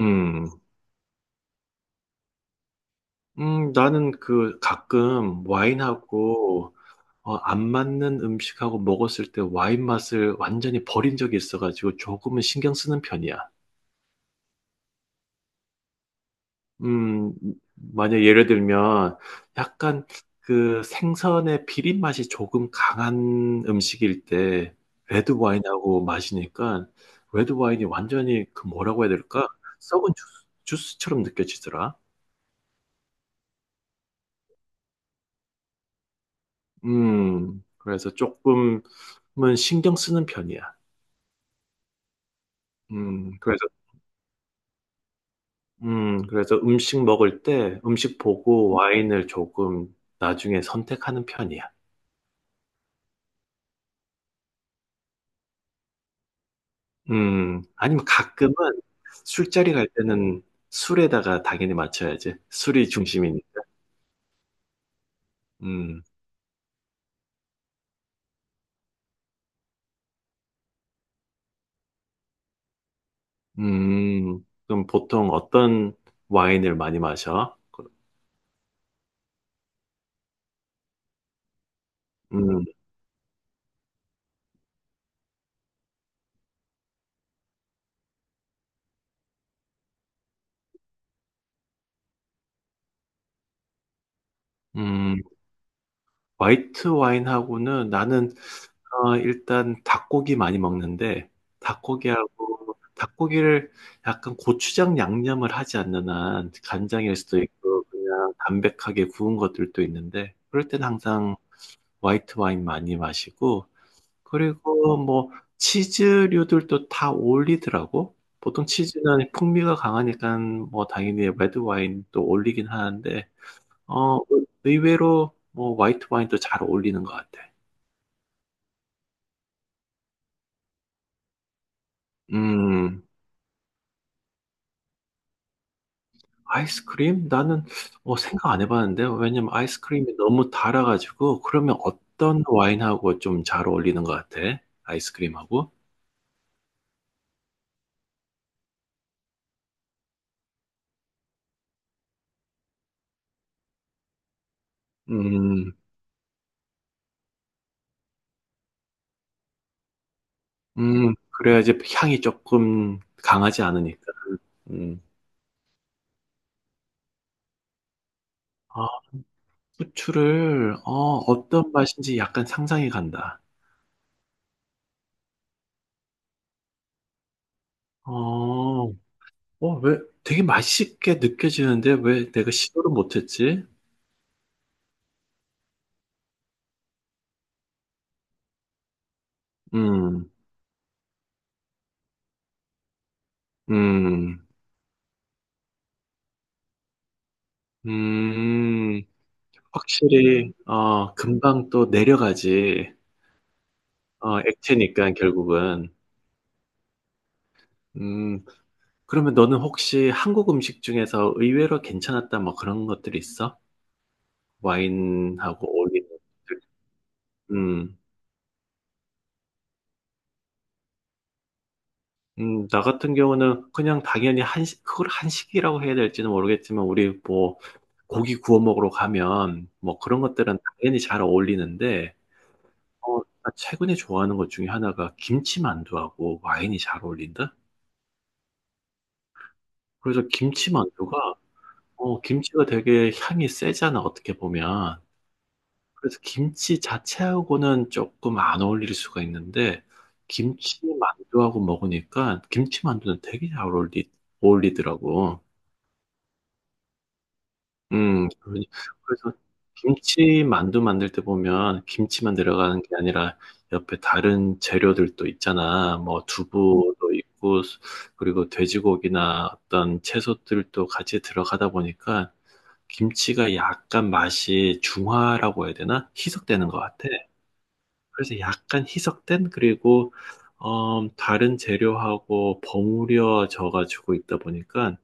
음. 나는 그 가끔 와인하고 안 맞는 음식하고 먹었을 때 와인 맛을 완전히 버린 적이 있어 가지고 조금은 신경 쓰는 편이야. 음 만약 예를 들면 약간 그 생선의 비린 맛이 조금 강한 음식일 때 레드 와인하고 마시니까 레드 와인이 완전히 그 뭐라고 해야 될까? 썩은 주스처럼 느껴지더라. 그래서 조금은 신경 쓰는 편이야. 음, 그래서, 그래서 음식 먹을 때 음식 보고 와인을 조금 나중에 선택하는 편이야. 아니면 가끔은 술자리 갈 때는 술에다가 당연히 맞춰야지. 술이 중심이니까. 음, 그럼 보통 어떤 와인을 많이 마셔? 음, 음. 화이트 와인하고는 나는 일단 닭고기 많이 먹는데 닭고기하고 닭고기를 약간 고추장 양념을 하지 않는 한 간장일 수도 있고 그냥 담백하게 구운 것들도 있는데 그럴 땐 항상 화이트 와인 많이 마시고 그리고 뭐 치즈류들도 다 어울리더라고. 보통 치즈는 풍미가 강하니까 뭐 당연히 레드 와인도 어울리긴 하는데 그 의외로 뭐 화이트 와인도 잘 어울리는 것 같아. 음, 아이스크림? 나는 생각 안 해봤는데 왜냐면 아이스크림이 너무 달아가지고 그러면 어떤 와인하고 좀 잘 어울리는 것 같아? 아이스크림하고? 음, 그래야지 향이 조금 강하지 않으니까. 음. 아, 후추를 어떤 맛인지 약간 상상이 간다. 어, 어, 왜 되게 맛있게 느껴지는데 왜 내가 시도를 못했지? 음. 음. 음, 확실히, 금방 또 내려가지. 액체니까 결국은. 음, 그러면 너는 혹시 한국 음식 중에서 의외로 괜찮았다 뭐 그런 것들이 있어? 와인하고 어울리는 것들. 음, 나 같은 경우는 그냥 당연히 한식, 그걸 한식이라고 해야 될지는 모르겠지만 우리 뭐 고기 구워 먹으러 가면 뭐 그런 것들은 당연히 잘 어울리는데 나 최근에 좋아하는 것 중에 하나가 김치만두하고 와인이 잘 어울린다? 그래서 김치만두가, 김치가 되게 향이 세잖아, 어떻게 보면. 그래서 김치 자체하고는 조금 안 어울릴 수가 있는데, 김치만두하고 먹으니까 김치만두는 되게 잘 어울리더라고. 음, 그- 그래서 김치 만두 만들 때 보면 김치만 들어가는 게 아니라 옆에 다른 재료들도 있잖아. 뭐 두부도 있고 그리고 돼지고기나 어떤 채소들도 같이 들어가다 보니까 김치가 약간 맛이 중화라고 해야 되나? 희석되는 것 같아. 그래서 약간 희석된 그리고 다른 재료하고 버무려져 가지고 있다 보니까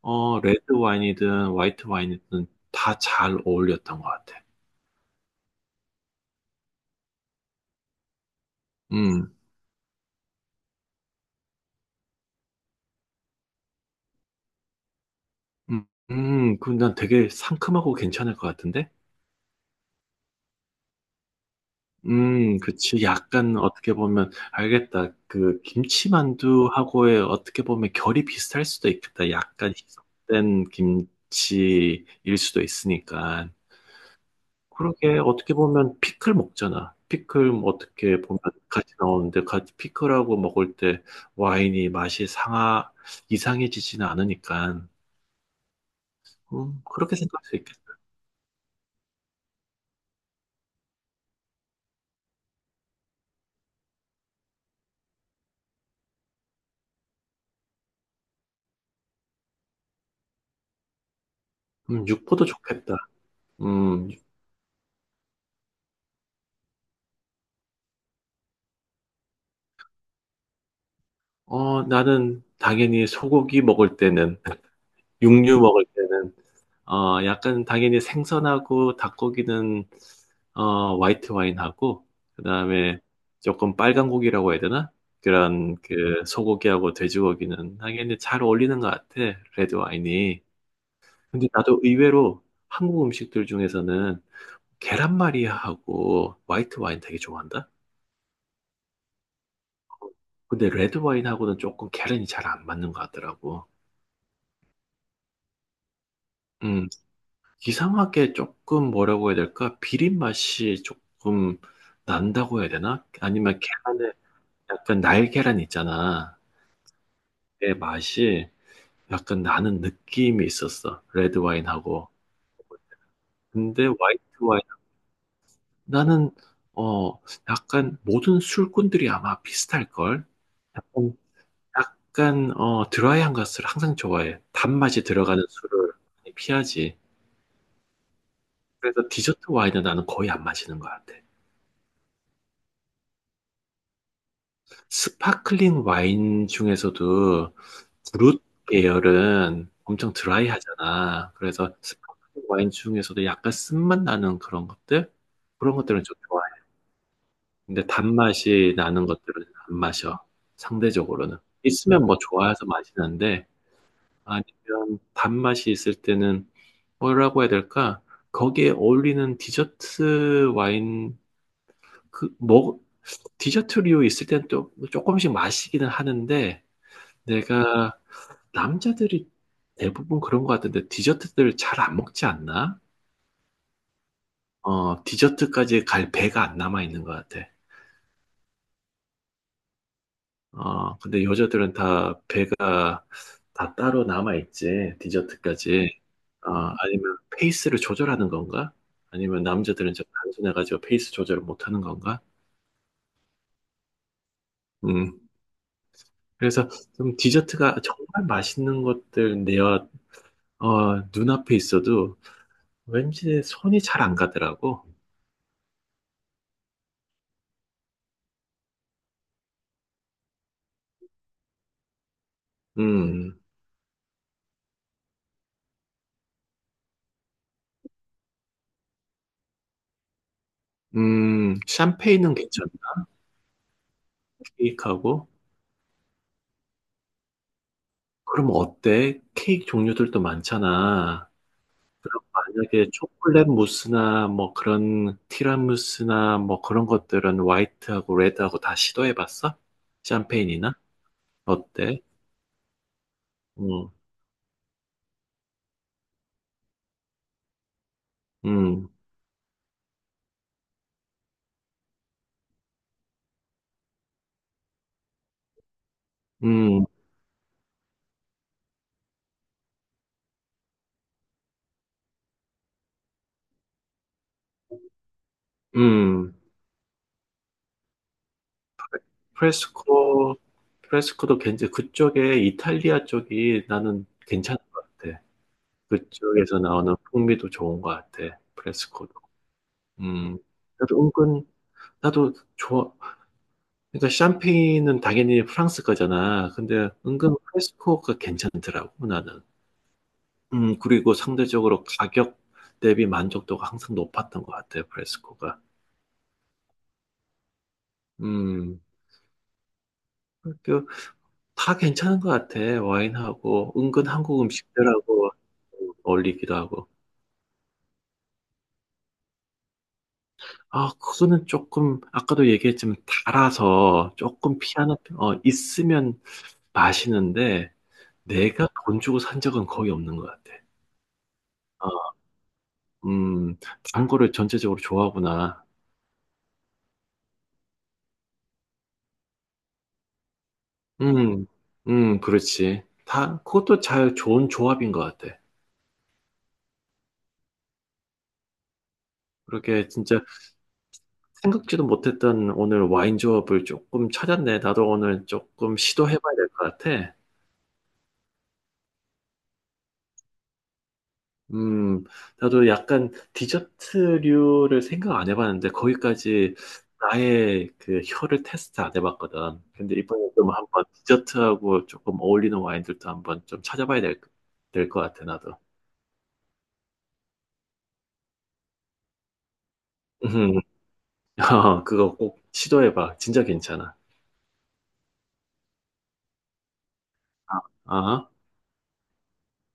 레드 와인이든 화이트 와인이든 다 잘 어울렸던 것 같아. 음, 음, 그럼 난 되게 상큼하고 괜찮을 것 같은데? 그치. 약간 어떻게 보면, 알겠다. 그 김치만두하고의 어떻게 보면 결이 비슷할 수도 있겠다. 약간 희석된 김치일 수도 있으니까. 그러게 어떻게 보면 피클 먹잖아. 피클 뭐 어떻게 보면 같이 나오는데 같이 피클하고 먹을 때 와인이 맛이 상하 이상해지지는 않으니까 그렇게 생각할 수 있겠다. 육포도 좋겠다. 음, 나는 당연히 소고기 먹을 때는 육류 먹을 때는 약간 당연히 생선하고 닭고기는 화이트 와인하고 그다음에 조금 빨간 고기라고 해야 되나? 그런 그 소고기하고 돼지고기는 당연히 잘 어울리는 것 같아. 레드 와인이. 근데 나도 의외로 한국 음식들 중에서는 계란말이하고 화이트 와인 되게 좋아한다. 근데 레드 와인하고는 조금 계란이 잘 안 맞는 것 같더라고. 음. 이상하게 조금 뭐라고 해야 될까? 비린 맛이 조금 난다고 해야 되나? 아니면 계란에 약간 날계란 있잖아. 그 맛이 약간 나는 느낌이 있었어. 레드 와인하고. 근데 화이트 와인 나는 어 약간 모든 술꾼들이 아마 비슷할걸? 약간 약간 드라이한 것을 항상 좋아해. 단맛이 들어가는 술을 많이 피하지. 그래서 디저트 와인은 나는 거의 안 마시는 것 같아. 스파클링 와인 중에서도 브룻 계열은 엄청 드라이하잖아. 그래서 스파클링 와인 중에서도 약간 쓴맛 나는 그런 것들? 그런 것들은 좀 좋아해. 근데 단맛이 나는 것들은 안 마셔. 상대적으로는. 있으면 뭐 좋아해서 마시는데, 아니면 단맛이 있을 때는 뭐라고 해야 될까? 거기에 어울리는 디저트 와인, 그, 뭐, 디저트류 있을 때는 또 조금씩 마시기는 하는데, 내가 남자들이 대부분 그런 것 같은데 디저트들 잘 안 먹지 않나? 디저트까지 갈 배가 안 남아 있는 것 같아. 근데 여자들은 다 배가 다 따로 남아 있지. 디저트까지. 아니면 페이스를 조절하는 건가? 아니면 남자들은 좀 단순해가지고 페이스 조절을 못 하는 건가? 음. 그래서 좀 디저트가 정말 맛있는 것들 내 눈앞에 있어도 왠지 손이 잘 안 가더라고. 음. 샴페인은 괜찮아. 케이크하고. 그럼 어때? 케이크 종류들도 많잖아. 그럼 만약에 초콜릿 무스나 뭐 그런 티라미수나 뭐 그런 것들은 화이트하고 레드하고 다 시도해봤어? 샴페인이나? 어때? 음, 음, 음, 음. 프레스코, 프레스코도 그쪽에 이탈리아 쪽이 나는 괜찮은 것 같아. 그쪽에서 나오는 풍미도 좋은 것 같아. 프레스코도. 음, 나도 은근, 나도 좋아. 그러니까 샴페인은 당연히 프랑스 거잖아. 근데 은근 프레스코가 괜찮더라고, 나는. 그리고 상대적으로 가격 대비 만족도가 항상 높았던 것 같아, 프레스코가. 음, 그, 다 괜찮은 것 같아, 와인하고. 은근 한국 음식들하고 어울리기도 하고. 아, 그거는 조금, 아까도 얘기했지만, 달아서 조금 있으면 마시는데, 내가 돈 주고 산 적은 거의 없는 것 같아. 아, 음, 단 거를 전체적으로 좋아하구나. 음, 그렇지. 다, 그것도 잘 좋은 조합인 것 같아. 그렇게 진짜 생각지도 못했던 오늘 와인 조합을 조금 찾았네. 나도 오늘 조금 시도해봐야 될 것 같아. 음, 나도 약간 디저트류를 생각 안 해봤는데, 거기까지 나의 그 혀를 테스트 안 해봤거든. 근데 이번에 좀 한번 디저트하고 조금 어울리는 와인들도 한번 좀 찾아봐야 될 것 같아, 나도. 음, 그거 꼭 시도해봐. 진짜 괜찮아. 아, 아.